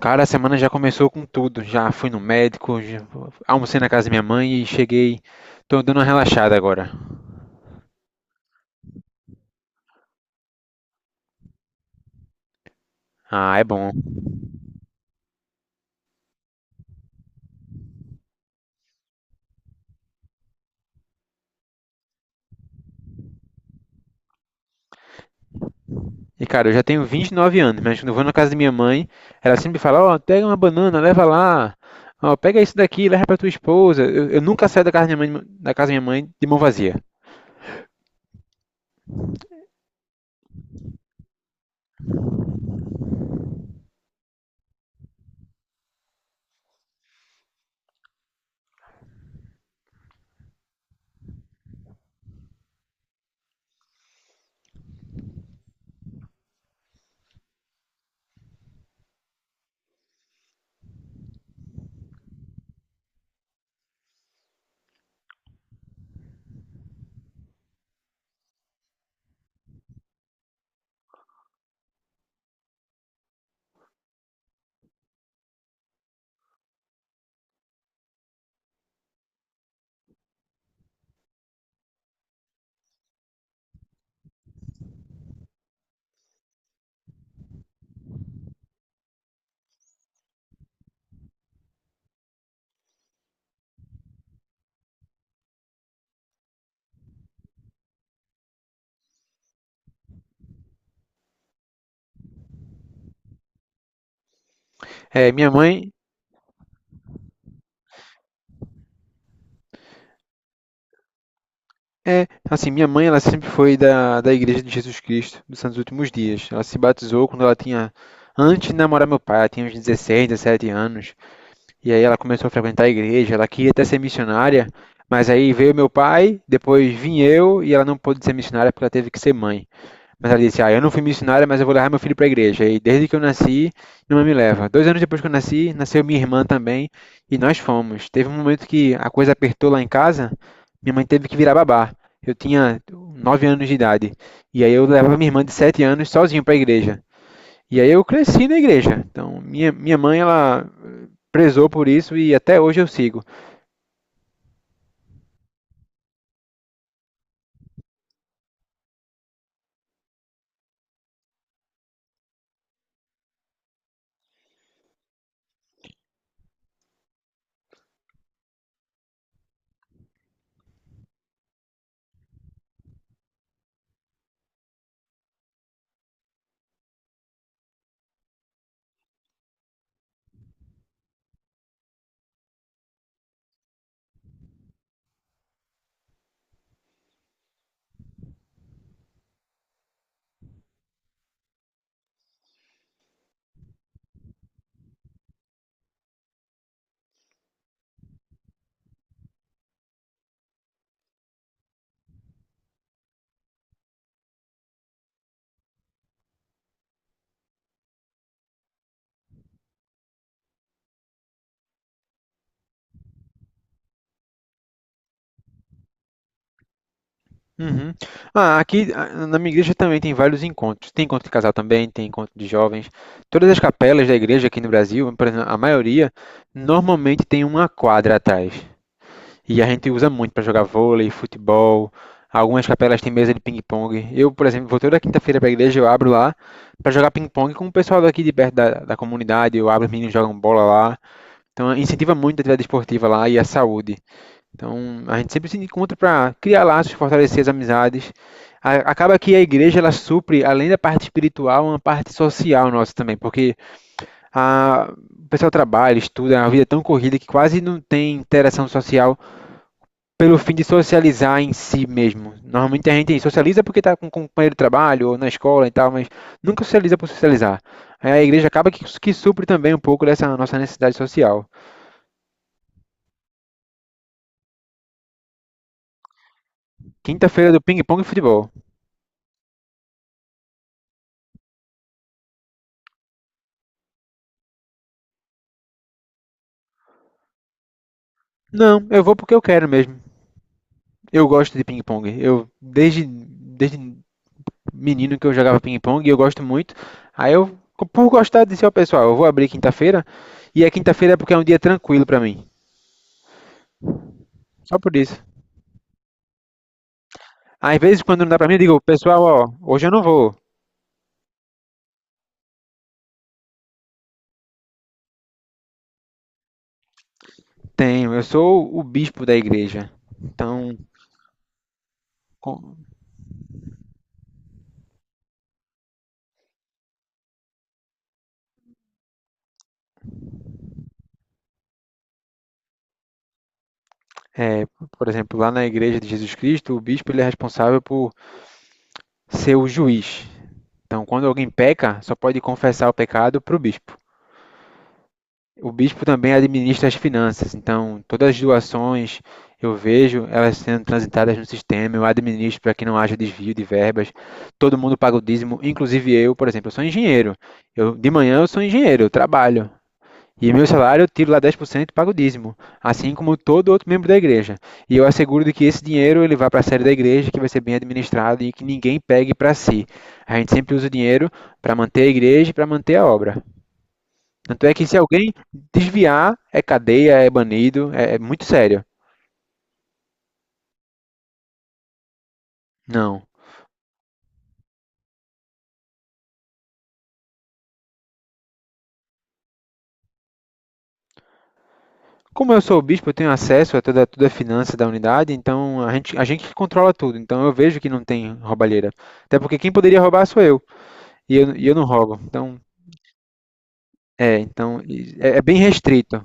Cara, a semana já começou com tudo. Já fui no médico, já almocei na casa da minha mãe e cheguei. Tô dando uma relaxada agora. Ah, é bom. E cara, eu já tenho 29 anos, mas quando eu vou na casa da minha mãe, ela sempre fala: Ó, pega uma banana, leva lá. Ó, pega isso daqui, leva pra tua esposa. Eu nunca saio da casa da minha mãe, da casa da minha mãe de mão vazia. É, minha mãe. É, assim, minha mãe, ela sempre foi da Igreja de Jesus Cristo dos Santos Últimos Dias. Ela se batizou quando ela tinha. Antes de namorar meu pai, ela tinha uns 16, 17 anos. E aí ela começou a frequentar a igreja, ela queria até ser missionária, mas aí veio meu pai, depois vim eu e ela não pôde ser missionária porque ela teve que ser mãe. Mas ela disse: "Ah, eu não fui missionária, mas eu vou levar meu filho para a igreja". E desde que eu nasci, minha mãe me leva. 2 anos depois que eu nasci, nasceu minha irmã também e nós fomos. Teve um momento que a coisa apertou lá em casa, minha mãe teve que virar babá. Eu tinha 9 anos de idade. E aí eu levava minha irmã de 7 anos sozinho para a igreja. E aí eu cresci na igreja. Então, minha mãe, ela prezou por isso e até hoje eu sigo. Uhum. Ah, aqui na minha igreja também tem vários encontros. Tem encontro de casal também, tem encontro de jovens. Todas as capelas da igreja aqui no Brasil, por exemplo, a maioria, normalmente tem uma quadra atrás. E a gente usa muito para jogar vôlei, futebol. Algumas capelas têm mesa de ping-pong. Eu, por exemplo, vou toda quinta-feira para a igreja, eu abro lá para jogar ping-pong com o pessoal daqui de perto da comunidade. Eu abro, os meninos jogam bola lá. Então incentiva muito a atividade esportiva lá e a saúde. Então, a gente sempre se encontra para criar laços, fortalecer as amizades. Acaba que a igreja ela supre, além da parte espiritual, uma parte social nossa também, porque o pessoal trabalha, estuda, a vida é tão corrida que quase não tem interação social pelo fim de socializar em si mesmo. Normalmente a gente socializa porque está com um companheiro de trabalho ou na escola e tal, mas nunca socializa por socializar. Aí a igreja acaba que supre também um pouco dessa nossa necessidade social. Quinta-feira do ping-pong e futebol. Não, eu vou porque eu quero mesmo. Eu gosto de ping-pong. Eu desde menino que eu jogava ping-pong e eu gosto muito. Aí eu, por gostar disse ao pessoal, eu vou abrir quinta-feira e a quinta-feira é porque é um dia tranquilo pra mim. Só por isso. Às vezes quando não dá pra mim, eu digo, pessoal, ó, hoje eu não vou. Tenho, eu sou o bispo da igreja. Então, com- é, por exemplo, lá na igreja de Jesus Cristo, o bispo ele é responsável por ser o juiz. Então, quando alguém peca, só pode confessar o pecado pro bispo. O bispo também administra as finanças, então todas as doações eu vejo elas sendo transitadas no sistema, eu administro para que não haja desvio de verbas. Todo mundo paga o dízimo, inclusive eu, por exemplo, eu sou engenheiro. Eu de manhã eu sou engenheiro, eu trabalho. E meu salário eu tiro lá 10% e pago o dízimo, assim como todo outro membro da igreja. E eu asseguro de que esse dinheiro ele vai para a sede da igreja, que vai ser bem administrado e que ninguém pegue para si. A gente sempre usa o dinheiro para manter a igreja e para manter a obra. Tanto é que se alguém desviar, é cadeia, é banido, é muito sério. Não. Como eu sou o bispo, eu tenho acesso a toda a finança da unidade, então a gente controla tudo. Então eu vejo que não tem roubalheira. Até porque quem poderia roubar sou eu. E eu não roubo. Então, é, então é bem restrito,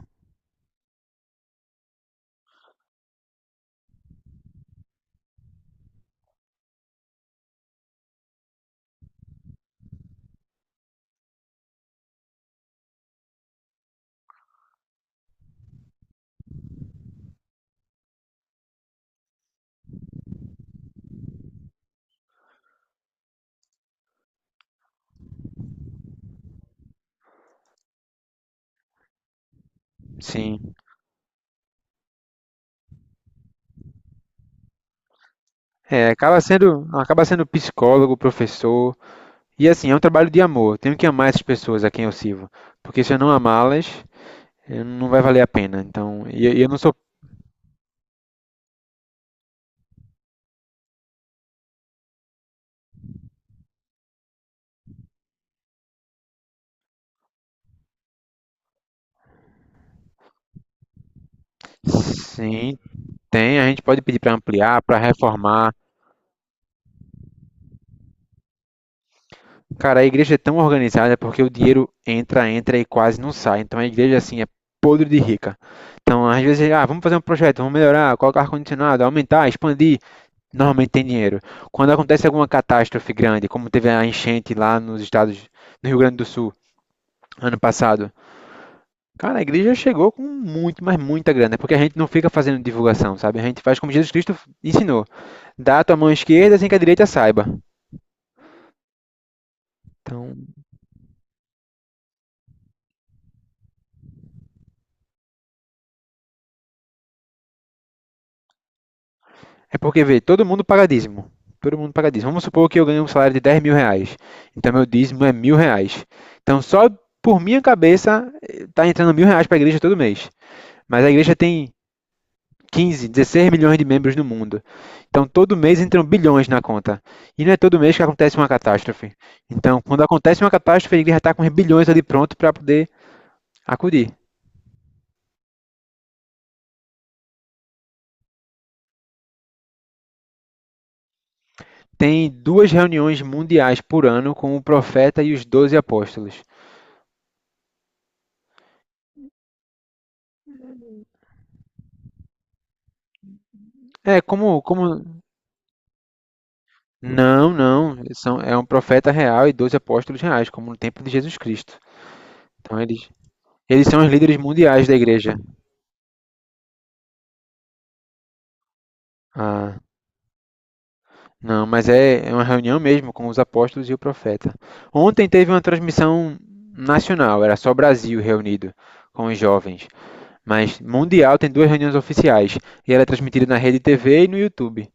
sim. É, acaba sendo psicólogo, professor. E assim, é um trabalho de amor. Eu Tenho que amar essas pessoas a quem eu sirvo. Porque se eu não amá-las, não vai valer a pena. Então, e eu não sou. Sim, Tem, a gente pode pedir para ampliar, para reformar. Cara, a igreja é tão organizada porque o dinheiro entra, entra e quase não sai. Então a igreja, assim, é podre de rica. Então, às vezes, ah, vamos fazer um projeto, vamos melhorar, colocar ar-condicionado, aumentar, expandir. Normalmente tem dinheiro. Quando acontece alguma catástrofe grande, como teve a enchente lá nos estados, no Rio Grande do Sul, ano passado, Cara, a igreja chegou com muito, mas muita grana, porque a gente não fica fazendo divulgação, sabe? A gente faz como Jesus Cristo ensinou: dá a tua mão esquerda sem que a direita saiba. Então, é porque, vê, todo mundo paga dízimo. Todo mundo paga dízimo. Vamos supor que eu ganho um salário de R$ 10.000. Então, meu dízimo é R$ 1.000. Então, só por minha cabeça, está entrando R$ 1.000 para a igreja todo mês. Mas a igreja tem 15, 16 milhões de membros no mundo. Então, todo mês entram bilhões na conta. E não é todo mês que acontece uma catástrofe. Então, quando acontece uma catástrofe, a igreja está com os bilhões ali pronto para poder acudir. Tem duas reuniões mundiais por ano com o profeta e os 12 apóstolos. É, como. Não, não. Eles são, é um profeta real e 12 apóstolos reais, como no tempo de Jesus Cristo. Então eles são os líderes mundiais da igreja. Ah, não, mas é uma reunião mesmo com os apóstolos e o profeta. Ontem teve uma transmissão nacional, era só Brasil reunido com os jovens. Mas mundial tem duas reuniões oficiais e ela é transmitida na rede TV e no YouTube.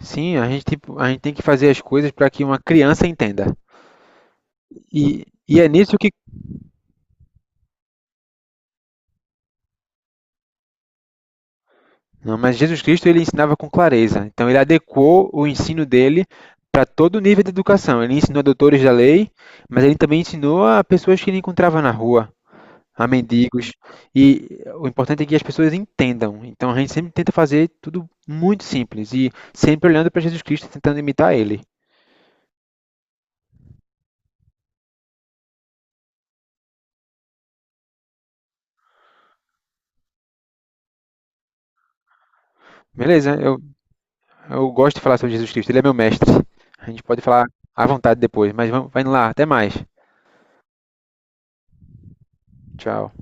Sim, a gente, tipo, a gente tem que fazer as coisas para que uma criança entenda. E é nisso que Não, mas Jesus Cristo ele ensinava com clareza. Então ele adequou o ensino dele para todo o nível de educação. Ele ensinou a doutores da lei, mas ele também ensinou a pessoas que ele encontrava na rua, a mendigos. E o importante é que as pessoas entendam. Então a gente sempre tenta fazer tudo muito simples e sempre olhando para Jesus Cristo, tentando imitar ele. Beleza? Eu gosto de falar sobre Jesus Cristo. Ele é meu mestre. A gente pode falar à vontade depois, mas vamos, vai indo lá. Até mais. Tchau.